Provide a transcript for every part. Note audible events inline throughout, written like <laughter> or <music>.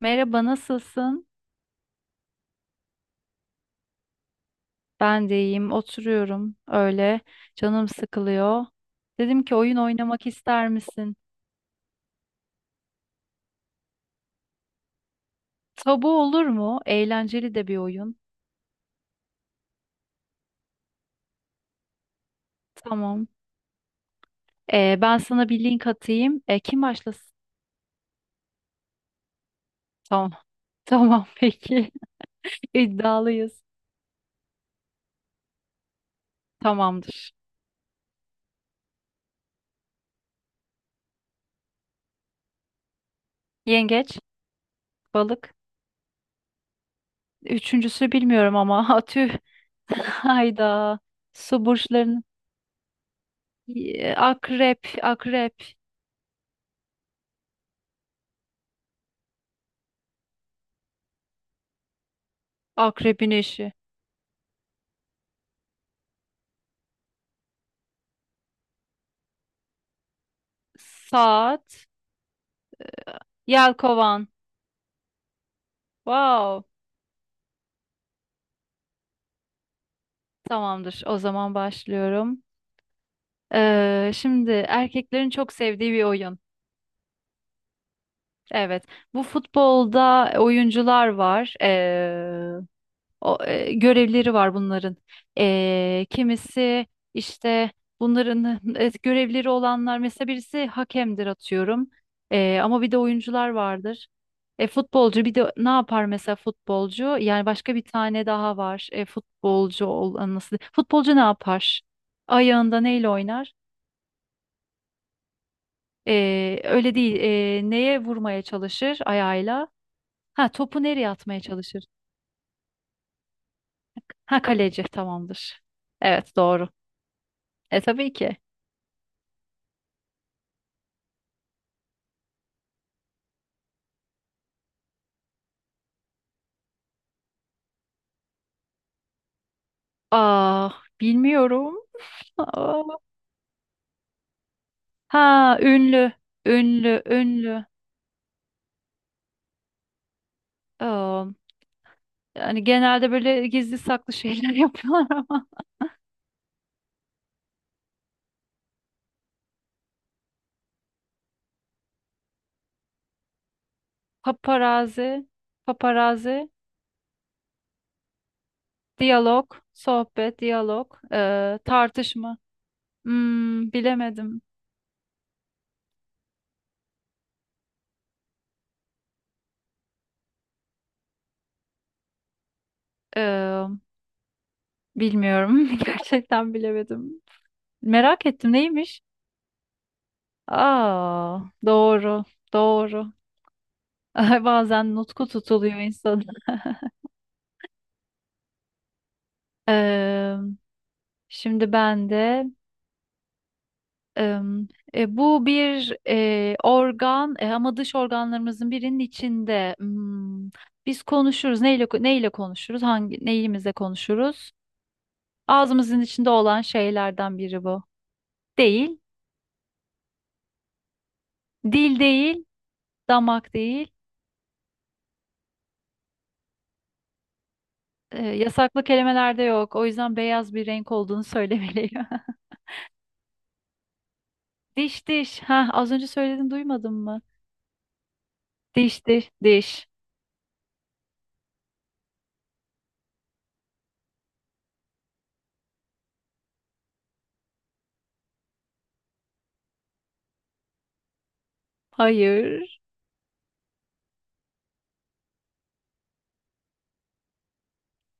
Merhaba, nasılsın? Ben de iyiyim. Oturuyorum öyle. Canım sıkılıyor. Dedim ki oyun oynamak ister misin? Tabu olur mu? Eğlenceli de bir oyun. Tamam. Ben sana bir link atayım. Kim başlasın? Tamam. <laughs> Tamam peki. <laughs> İddialıyız. Tamamdır. Yengeç, balık. Üçüncüsü bilmiyorum ama <laughs> atü. Hayda. Su burçlarının. Akrep, akrep. Akrebin eşi. Saat. Yelkovan. Wow. Tamamdır. O zaman başlıyorum. Şimdi erkeklerin çok sevdiği bir oyun. Evet. Bu futbolda oyuncular var. Görevleri var bunların. Kimisi işte bunların görevleri olanlar mesela birisi hakemdir atıyorum. Ama bir de oyuncular vardır. Futbolcu bir de ne yapar mesela futbolcu? Yani başka bir tane daha var. Futbolcu olan nasıl? Futbolcu ne yapar? Ayağında neyle oynar? Öyle değil. Neye vurmaya çalışır ayağıyla? Ha, topu nereye atmaya çalışır? Ha, kaleci tamamdır. Evet doğru. Tabii ki. Aa, bilmiyorum. Aa. Ha, ünlü, ünlü, ünlü. Aa, yani genelde böyle gizli saklı şeyler <laughs> yapıyorlar ama. Paparazi, paparazi, diyalog, sohbet, diyalog, tartışma. Hmm, bilemedim. Ee, Bilmiyorum. <laughs> Gerçekten bilemedim. Merak ettim neymiş? Aa, doğru, doğru. <laughs> Bazen nutku tutuluyor insanın. Ee, Şimdi ben de. Em, Bu bir organ, ama dış organlarımızın birinin içinde. Biz konuşuruz. Neyle neyle konuşuruz? Hangi neyimizle konuşuruz? Ağzımızın içinde olan şeylerden biri bu. Değil. Dil değil, damak değil. Yasaklı kelimelerde yok. O yüzden beyaz bir renk olduğunu söylemeliyim. <laughs> Diş diş. Ha, az önce söyledin duymadın mı? Diş diş diş. Hayır.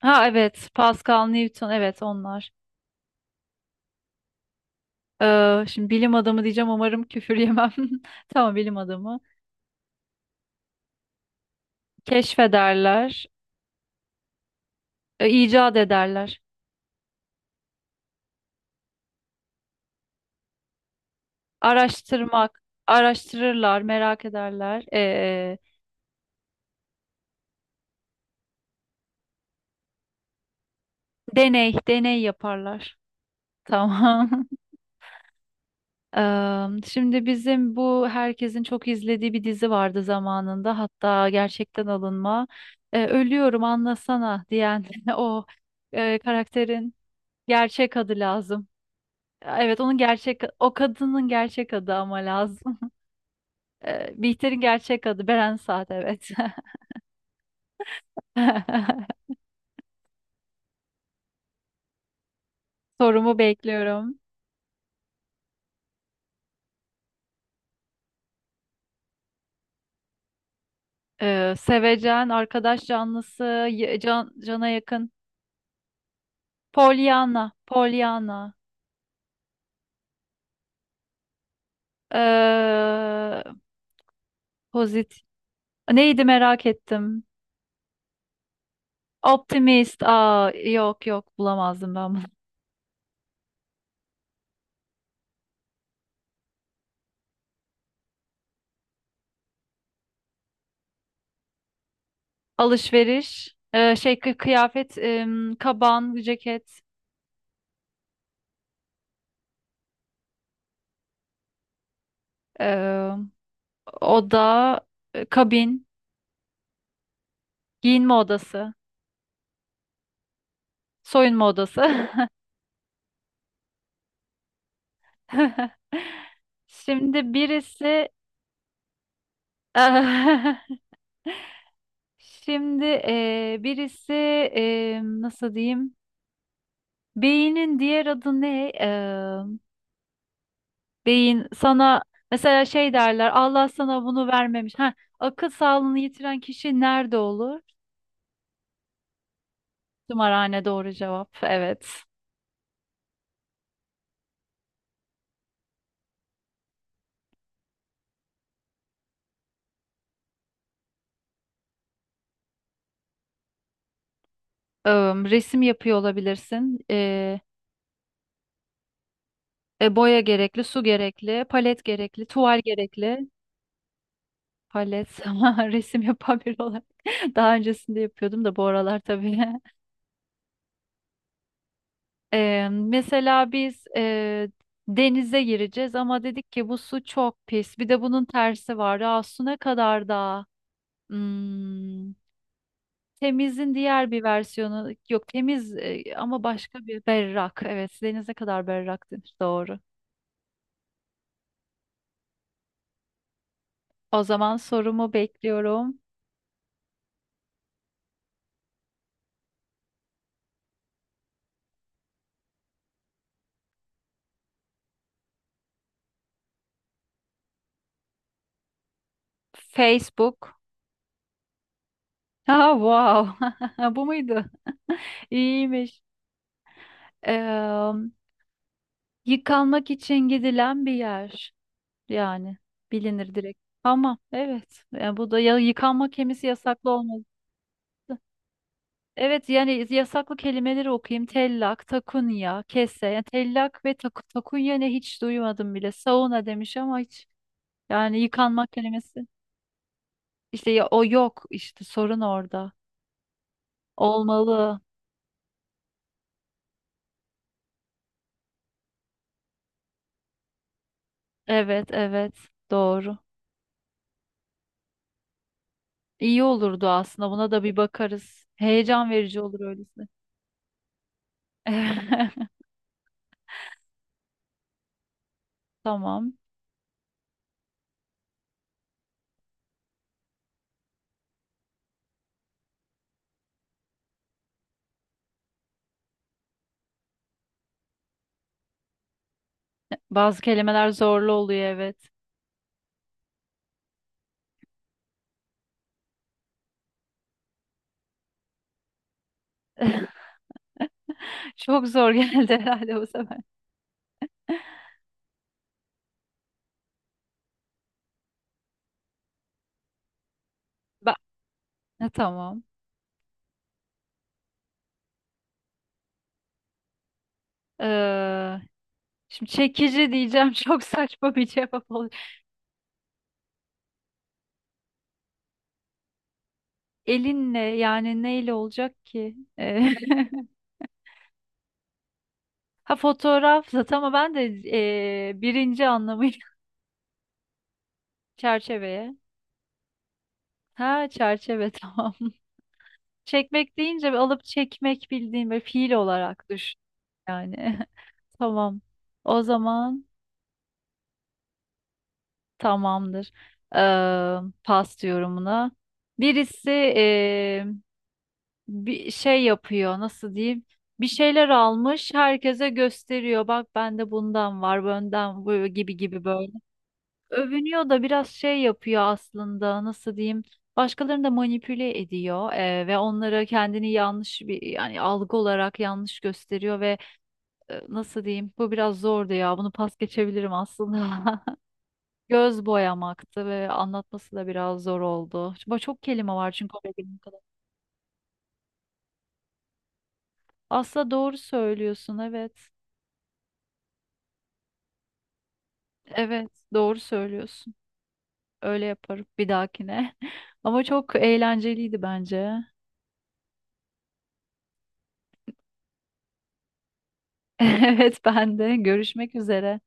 Ha, evet, Pascal, Newton evet onlar. Şimdi bilim adamı diyeceğim umarım küfür yemem. <laughs> Tamam bilim adamı. Keşfederler, icat ederler. Araştırmak, araştırırlar, merak ederler. Deney, deney yaparlar. Tamam. <laughs> Şimdi bizim bu herkesin çok izlediği bir dizi vardı zamanında. Hatta gerçekten alınma. Ölüyorum anlasana diyen <laughs> o karakterin gerçek adı lazım. Evet onun gerçek o kadının gerçek adı ama lazım. Bihter'in gerçek adı Beren Saat evet. <laughs> Sorumu bekliyorum. Sevecen, arkadaş canlısı, can, cana yakın. Pollyanna, Pollyanna. Ee, Pozit. Neydi merak ettim. Optimist. Aa, yok yok bulamazdım ben bunu. <laughs> Alışveriş. Şey kıyafet, kaban, ceket. Ee, Oda, kabin. Giyinme odası, soyunma odası. <laughs> Şimdi birisi <laughs> Şimdi birisi nasıl diyeyim? Beynin diğer adı ne? Beyin sana mesela şey derler, Allah sana bunu vermemiş. Ha, akıl sağlığını yitiren kişi nerede olur? Tımarhane doğru cevap. Evet. Eee, Resim yapıyor olabilirsin. Boya gerekli, su gerekli, palet gerekli, tuval gerekli. Palet <laughs> ama resim yapan biri olarak <laughs> daha öncesinde yapıyordum da bu aralar tabii. <laughs> Mesela biz denize gireceğiz ama dedik ki bu su çok pis. Bir de bunun tersi var. Aa, su ne kadar da hmm, temizin diğer bir versiyonu yok, temiz ama başka bir, berrak. Evet, deniz ne kadar berrak denir doğru. O zaman sorumu bekliyorum. Facebook. Ha, wow. <laughs> Bu muydu? İyiymiş. Yıkanmak için gidilen bir yer yani bilinir direkt. Ama evet yani bu da ya yıkanma kemisi yasaklı olmalı. Evet yani yasaklı kelimeleri okuyayım. Tellak, takunya, kese. Yani tellak ve takunya ne, hiç duymadım bile. Sauna demiş ama hiç yani yıkanmak kelimesi. İşte ya o yok işte, sorun orada. Olmalı. Evet evet doğru. İyi olurdu aslında, buna da bir bakarız. Heyecan verici olur öylesi. <laughs> Tamam. Bazı kelimeler zorlu oluyor evet. <laughs> Çok zor geldi herhalde bu sefer. Ben... Ha, tamam. Ee, Şimdi çekici diyeceğim <laughs> çok saçma bir cevap olacak. Elinle, yani neyle olacak ki? <laughs> Ha, fotoğraf zaten ama ben de birinci anlamıyla <laughs> çerçeveye. Ha, çerçeve tamam. <laughs> Çekmek deyince bir alıp çekmek, bildiğim bir fiil olarak düşün yani. <laughs> Tamam. O zaman tamamdır. Eee Pas yorumuna. Birisi bir şey yapıyor, nasıl diyeyim? Bir şeyler almış herkese gösteriyor. Bak, bende bundan var, benden bu gibi gibi böyle. Övünüyor da biraz şey yapıyor aslında, nasıl diyeyim? Başkalarını da manipüle ediyor ve onlara kendini yanlış bir, yani algı olarak yanlış gösteriyor ve nasıl diyeyim? Bu biraz zordu ya. Bunu pas geçebilirim aslında. <laughs> Göz boyamaktı ve anlatması da biraz zor oldu. Çok, çok kelime var çünkü oraya gelene kadar. Aslında doğru söylüyorsun evet. Evet doğru söylüyorsun. Öyle yaparım bir dahakine. <laughs> Ama çok eğlenceliydi bence. <laughs> Evet ben de. Görüşmek üzere.